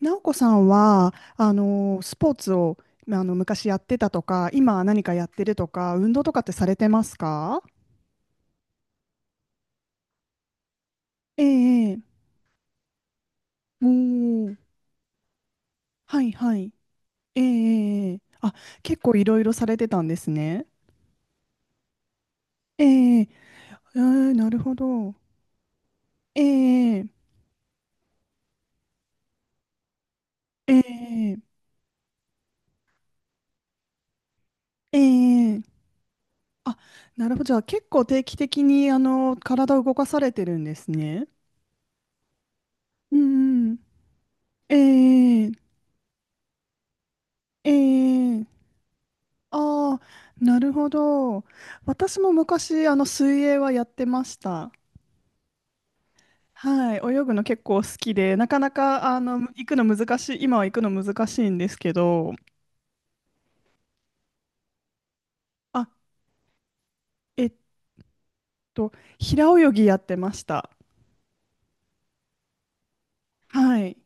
直子さんは、スポーツを、まあの、昔やってたとか、今何かやってるとか、運動とかってされてますか？ええええ、おー、はいはい。ええええええ、あ、結構いろいろされてたんですね。ええええ、あ、なるほど。ええええええええ、あ、なるほど。じゃあ結構定期的に、体を動かされてるんですね。うんうん。ええええええ、ああ、なるほど。私も昔、水泳はやってました。はい、泳ぐの結構好きで、なかなか、行くの難しい、今は行くの難しいんですけど、あ、えっと、平泳ぎやってました。はい。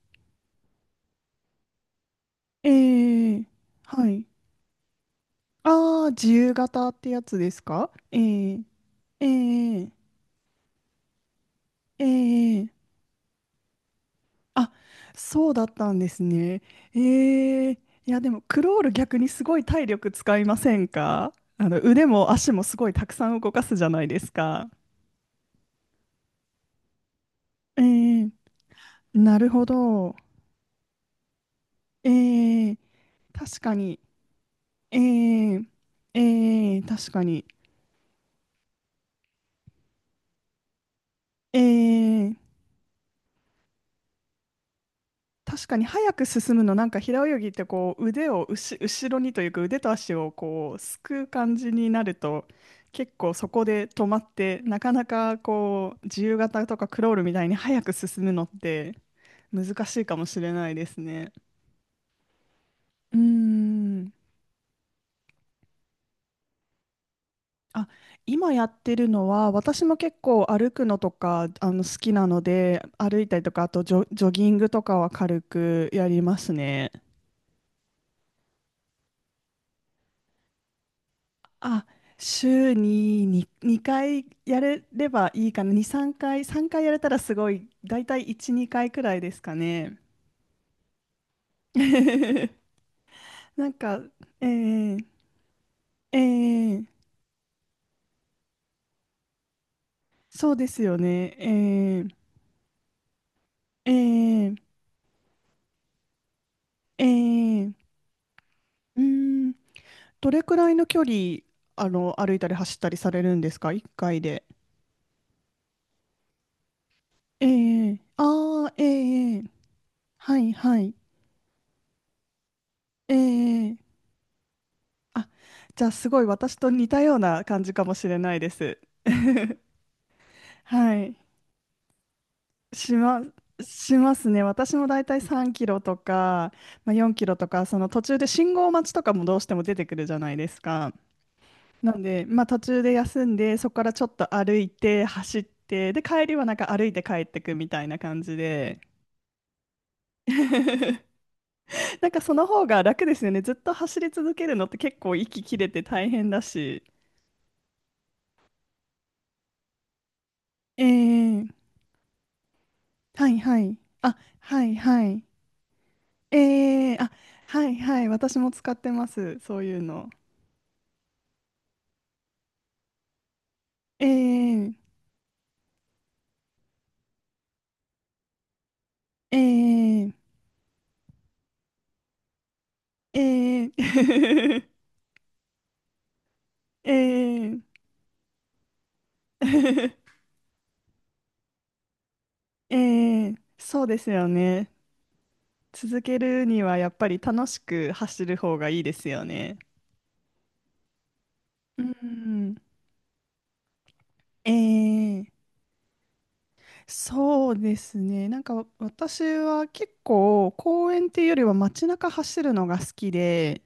えー、はい。ああ、自由形ってやつですか？えー、えー、えーあ、そうだったんですね。ええ、いやでもクロール逆にすごい体力使いませんか？腕も足もすごいたくさん動かすじゃないですか。ええ、なるほど。ええ、確かに。ええええ、確かに。ええ、確かに早く進むの、なんか平泳ぎってこう腕を後ろにというか腕と足をこうすくう感じになると結構そこで止まってなかなかこう自由形とかクロールみたいに早く進むのって難しいかもしれないですね。うーん。あ、今やってるのは私も結構歩くのとか好きなので歩いたりとかあとジョギングとかは軽くやりますね。あ、週に2回やれればいいかな。2、3回、3回やれたらすごい、だいたい1、2回くらいですかね。なんか、えー、えー、そうですよね。えー、えー、うーん、どれくらいの距離、歩いたり走ったりされるんですか？ 1 回で。えー、あー、えー、はい、はい。えー、あ、じゃあすごい私と似たような感じかもしれないです。はい。しま、しますね。私もだいたい3キロとか、まあ、4キロとか、その途中で信号待ちとかもどうしても出てくるじゃないですか。なんで、まあ、途中で休んで、そこからちょっと歩いて、走って、で、帰りはなんか歩いて帰ってくみたいな感じで。なんかその方が楽ですよね。ずっと走り続けるのって結構息切れて大変だし。ええ、はいはい。あ、はいはい。あ、はいはい。私も使ってます。そういうの。えー、えー、えー、えー、えそうですよね。続けるにはやっぱり楽しく走る方がいいですよね。うん。えー、そうですね。なんか私は結構公園っていうよりは街中走るのが好きで、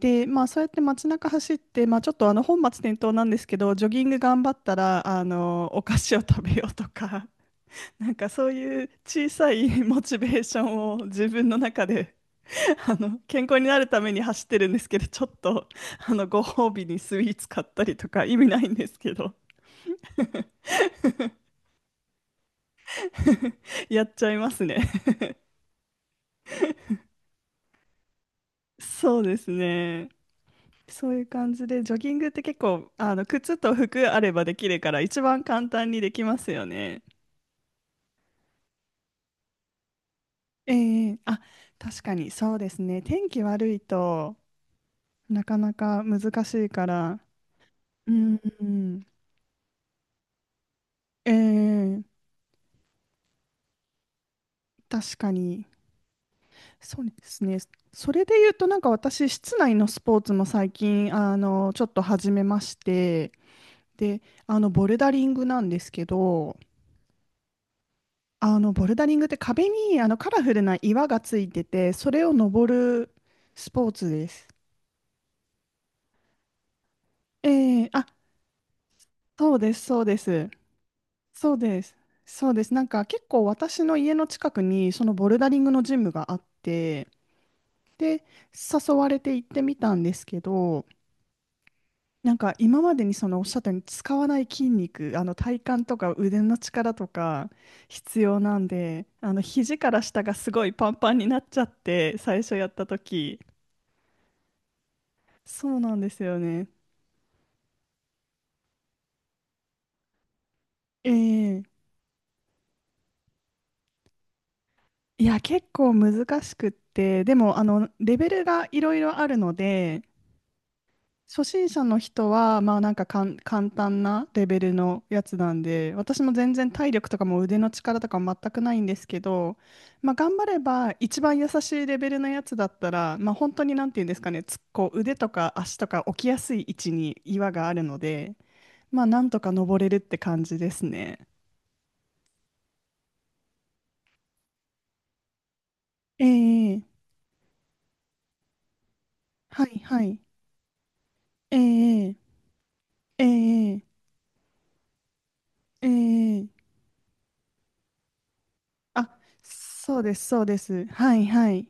で、まあ、そうやって街中走って、まあ、ちょっと本末転倒なんですけど、ジョギング頑張ったら、お菓子を食べようとか、なんかそういう小さいモチベーションを自分の中で、健康になるために走ってるんですけど、ちょっと、ご褒美にスイーツ買ったりとか、意味ないんですけど、やっちゃいますね。そうですね。そういう感じで、ジョギングって結構、靴と服あればできるから、一番簡単にできますよね。ええ、あ、確かにそうですね。天気悪いとなかなか難しいから。うん、うん、ええ、確かに。そうですね。それで言うと、なんか私、室内のスポーツも最近、ちょっと始めまして、で、ボルダリングなんですけど、ボルダリングって壁にカラフルな岩がついてて、それを登るスポーツです。ええ、あ、そうです、そうです。そうです。そうです。なんか結構私の家の近くにそのボルダリングのジムがあって、で、誘われて行ってみたんですけど、なんか今までにそのおっしゃったように使わない筋肉、体幹とか腕の力とか必要なんで、肘から下がすごいパンパンになっちゃって、最初やった時。そうなんですよね。ええ、いや、結構難しくって、でも、レベルがいろいろあるので、初心者の人は、まあなんか簡単なレベルのやつなんで、私も全然体力とかも腕の力とかも全くないんですけど、まあ頑張れば一番優しいレベルのやつだったら、まあ本当になんていうんですかね、つこう腕とか足とか置きやすい位置に岩があるので、まあなんとか登れるって感じですね。ええ、はいはい。ええええええ、あ、そうですそうです。はいはい。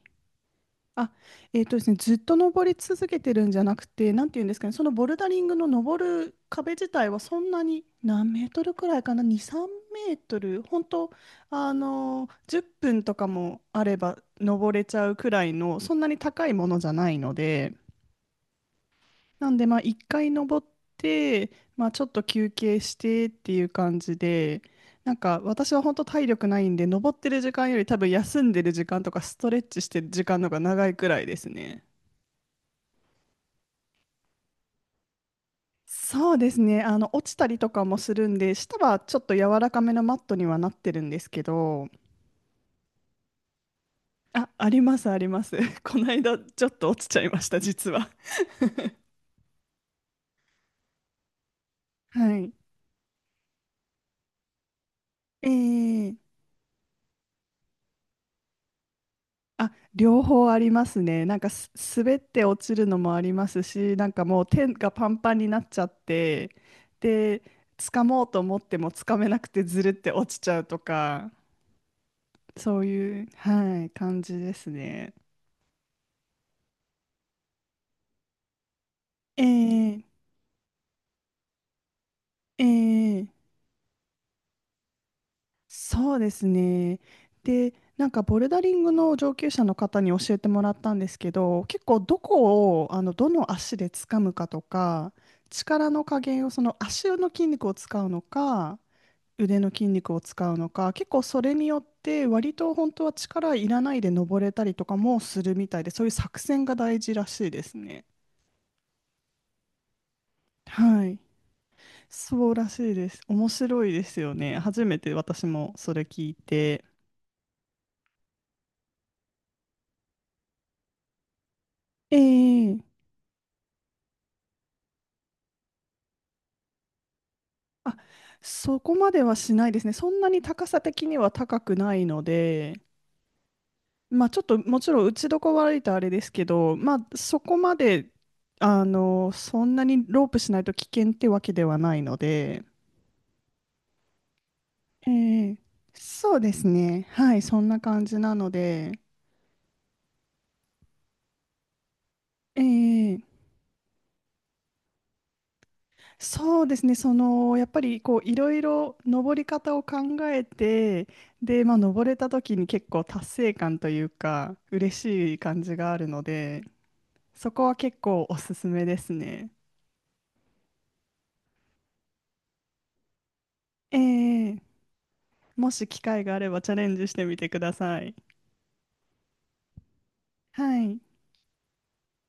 あ、えーとですね、ずっと登り続けてるんじゃなくて、なんて言うんですかね、そのボルダリングの登る壁自体はそんなに何メートルくらいかな、2、3メートル、本当、10分とかもあれば登れちゃうくらいの、そんなに高いものじゃないので、なんで、まあ、1回登って、まあ、ちょっと休憩してっていう感じで、なんか私は本当体力ないんで、登ってる時間より多分休んでる時間とかストレッチしてる時間の方が長いくらいですね。そうですね。落ちたりとかもするんで、下はちょっと柔らかめのマットにはなってるんですけど、あ、あります、あります。この間、ちょっと落ちちゃいました、実は。はい。えーあ、両方ありますね。なんか滑って落ちるのもありますし、なんかもう手がパンパンになっちゃって、で、掴もうと思っても掴めなくてずるって落ちちゃうとか、そういう、はい、感じですね。ええええ、そうですね。で、なんかボルダリングの上級者の方に教えてもらったんですけど、結構どこをどの足で掴むかとか、力の加減をその足の筋肉を使うのか、腕の筋肉を使うのか、結構それによって割と本当は力いらないで登れたりとかもするみたいで、そういう作戦が大事らしいですね。はい。そうらしいです。面白いですよね。初めて私もそれ聞いて。ええ、あ、そこまではしないですね。そんなに高さ的には高くないので、まあちょっともちろん打ちどこ悪いとあれですけど、まあそこまで、そんなにロープしないと危険ってわけではないので、ええ、そうですね。はい、そんな感じなので、ええ、そうですね。やっぱりこう、いろいろ登り方を考えて、で、まあ登れた時に結構達成感というか、嬉しい感じがあるので、そこは結構おすすめですね。ええ、もし機会があればチャレンジしてみてください。はい。